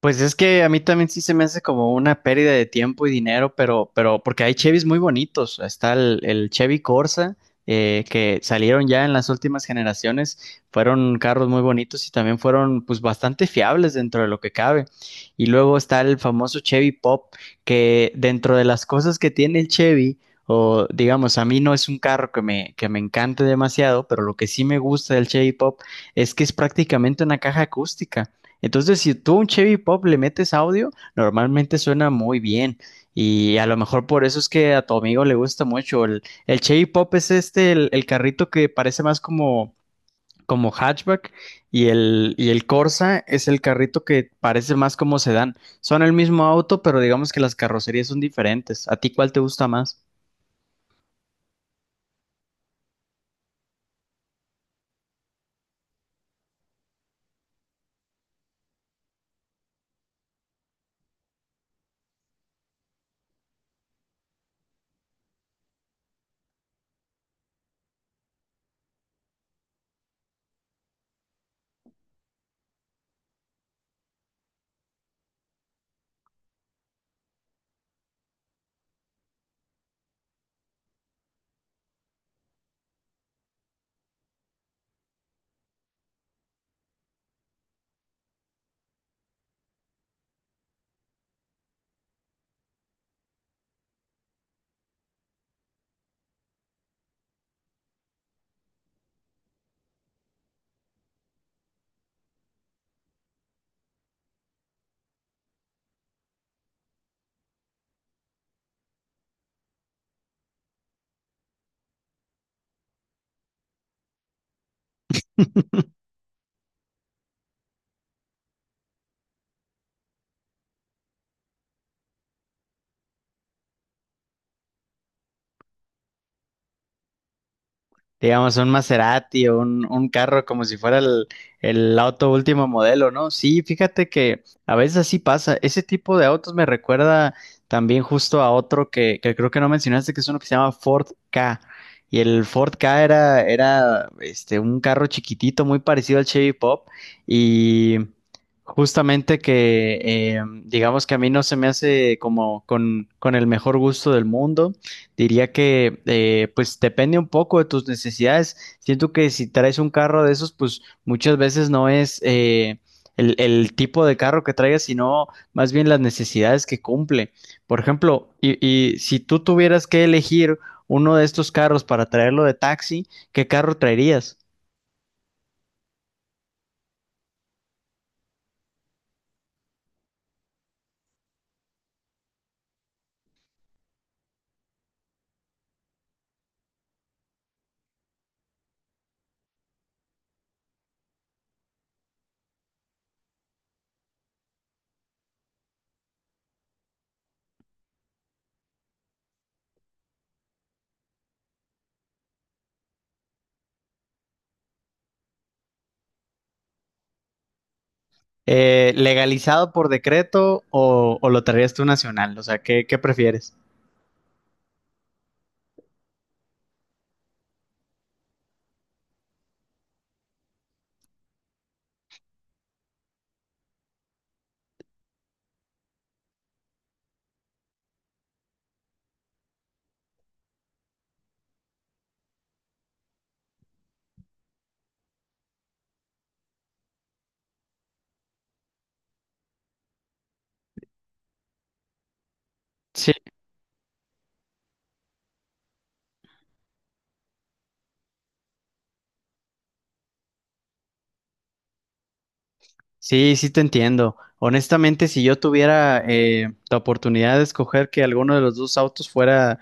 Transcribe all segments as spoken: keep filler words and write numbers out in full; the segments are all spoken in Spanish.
Pues es que a mí también sí se me hace como una pérdida de tiempo y dinero, pero, pero porque hay Chevys muy bonitos. Está el, el Chevy Corsa, eh, que salieron ya en las últimas generaciones. Fueron carros muy bonitos y también fueron pues bastante fiables dentro de lo que cabe. Y luego está el famoso Chevy Pop, que dentro de las cosas que tiene el Chevy, o digamos, a mí no es un carro que me, que me encante demasiado, pero lo que sí me gusta del Chevy Pop es que es prácticamente una caja acústica. Entonces, si tú a un Chevy Pop le metes audio, normalmente suena muy bien. Y a lo mejor por eso es que a tu amigo le gusta mucho. El, el Chevy Pop es este, el, el carrito que parece más como, como hatchback. Y el, y el Corsa es el carrito que parece más como sedán. Son el mismo auto, pero digamos que las carrocerías son diferentes. ¿A ti cuál te gusta más? Digamos, un Maserati o un, un carro como si fuera el, el auto último modelo, ¿no? Sí, fíjate que a veces así pasa. Ese tipo de autos me recuerda también justo a otro que, que creo que no mencionaste, que es uno que se llama Ford K. Y el Ford K era, era este, un carro chiquitito, muy parecido al Chevy Pop. Y justamente que, eh, digamos que a mí no se me hace como con, con el mejor gusto del mundo. Diría que eh, pues depende un poco de tus necesidades. Siento que si traes un carro de esos, pues muchas veces no es eh, el, el tipo de carro que traigas, sino más bien las necesidades que cumple. Por ejemplo, y, y si tú tuvieras que elegir uno de estos carros para traerlo de taxi, ¿qué carro traerías? Eh, ¿legalizado por decreto o, o lo traerías tú nacional? O sea, ¿qué, qué prefieres? Sí, sí te entiendo. Honestamente, si yo tuviera eh, la oportunidad de escoger que alguno de los dos autos fuera,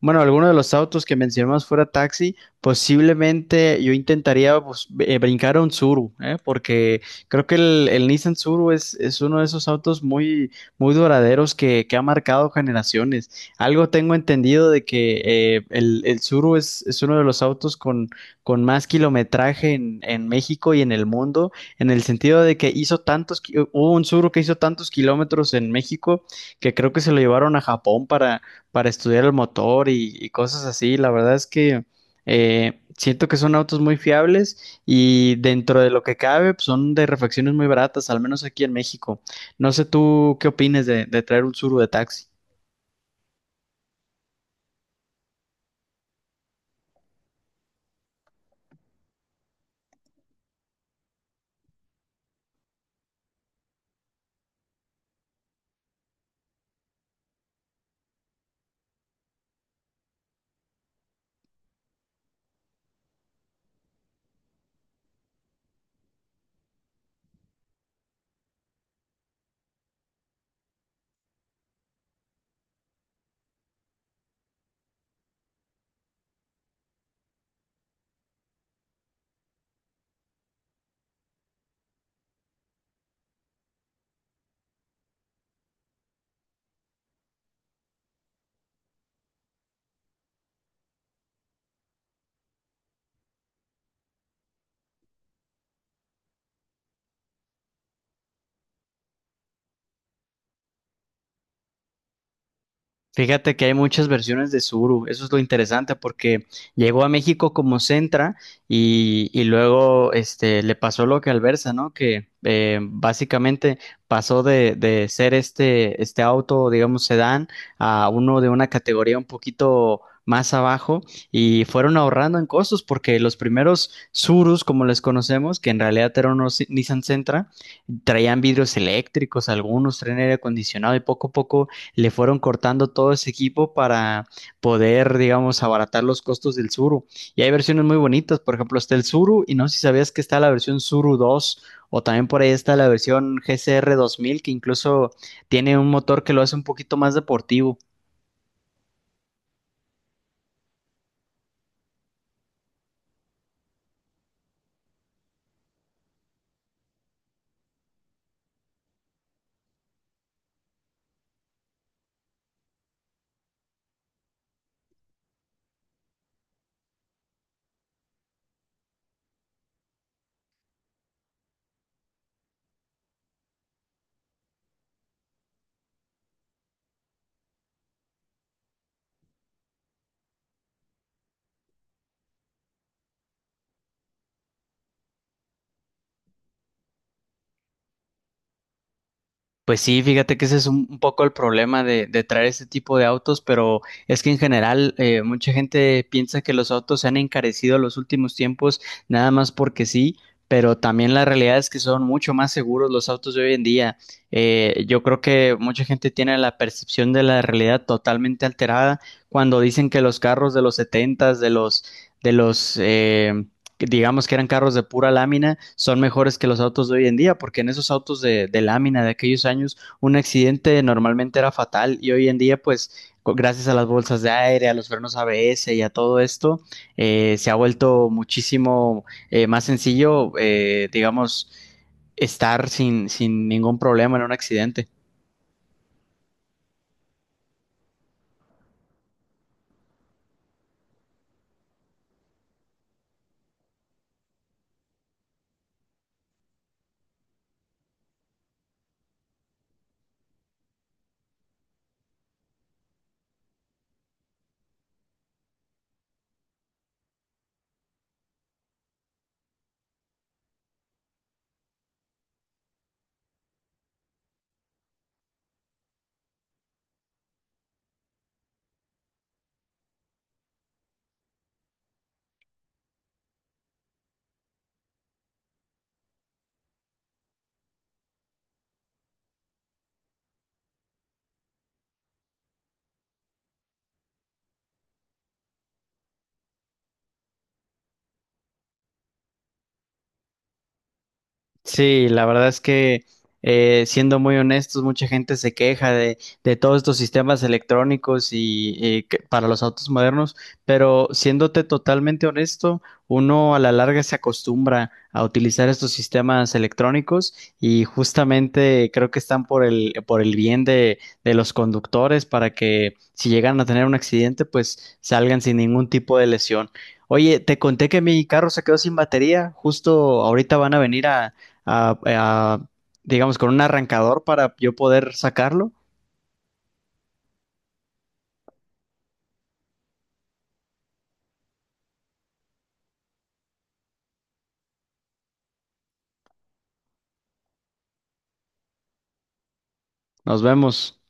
bueno, alguno de los autos que mencionamos fuera taxi, posiblemente yo intentaría pues, eh, brincar a un Tsuru, ¿eh? Porque creo que el, el Nissan Tsuru es, es uno de esos autos muy, muy duraderos que, que ha marcado generaciones. Algo tengo entendido de que eh, el, el Tsuru es, es uno de los autos con, con más kilometraje en, en México y en el mundo, en el sentido de que hizo tantos, hubo un zurdo que hizo tantos kilómetros en México que creo que se lo llevaron a Japón para, para estudiar el motor y, y cosas así. La verdad es que eh, siento que son autos muy fiables y dentro de lo que cabe pues, son de refacciones muy baratas, al menos aquí en México. No sé tú qué opines de, de traer un Tsuru de taxi. Fíjate que hay muchas versiones de Subaru. Eso es lo interesante porque llegó a México como Sentra y, y luego este, le pasó lo que al Versa, ¿no? Que eh, básicamente pasó de, de ser este, este auto, digamos, sedán, a uno de una categoría un poquito más abajo y fueron ahorrando en costos porque los primeros Subarus, como les conocemos, que en realidad eran unos Nissan Sentra, traían vidrios eléctricos, algunos traían aire acondicionado y poco a poco le fueron cortando todo ese equipo para poder, digamos, abaratar los costos del Zuru. Y hay versiones muy bonitas, por ejemplo, está el Zuru y no sé si sabías que está la versión Zuru dos, o también por ahí está la versión G C R dos mil que incluso tiene un motor que lo hace un poquito más deportivo. Pues sí, fíjate que ese es un, un poco el problema de, de traer este tipo de autos, pero es que en general eh, mucha gente piensa que los autos se han encarecido los últimos tiempos nada más porque sí, pero también la realidad es que son mucho más seguros los autos de hoy en día. Eh, yo creo que mucha gente tiene la percepción de la realidad totalmente alterada cuando dicen que los carros de los setentas, de los de los eh, que digamos que eran carros de pura lámina, son mejores que los autos de hoy en día, porque en esos autos de, de lámina de aquellos años, un accidente normalmente era fatal y hoy en día, pues, co- gracias a las bolsas de aire, a los frenos A B S y a todo esto, eh, se ha vuelto muchísimo eh, más sencillo, eh, digamos, estar sin, sin ningún problema en un accidente. Sí, la verdad es que eh, siendo muy honestos, mucha gente se queja de, de todos estos sistemas electrónicos y eh, que- para los autos modernos, pero siéndote totalmente honesto, uno a la larga se acostumbra a utilizar estos sistemas electrónicos y justamente creo que están por el, por el bien de, de los conductores para que si llegan a tener un accidente, pues salgan sin ningún tipo de lesión. Oye, te conté que mi carro se quedó sin batería. Justo ahorita van a venir a, a- a- digamos, con un arrancador para yo poder sacarlo. Nos vemos.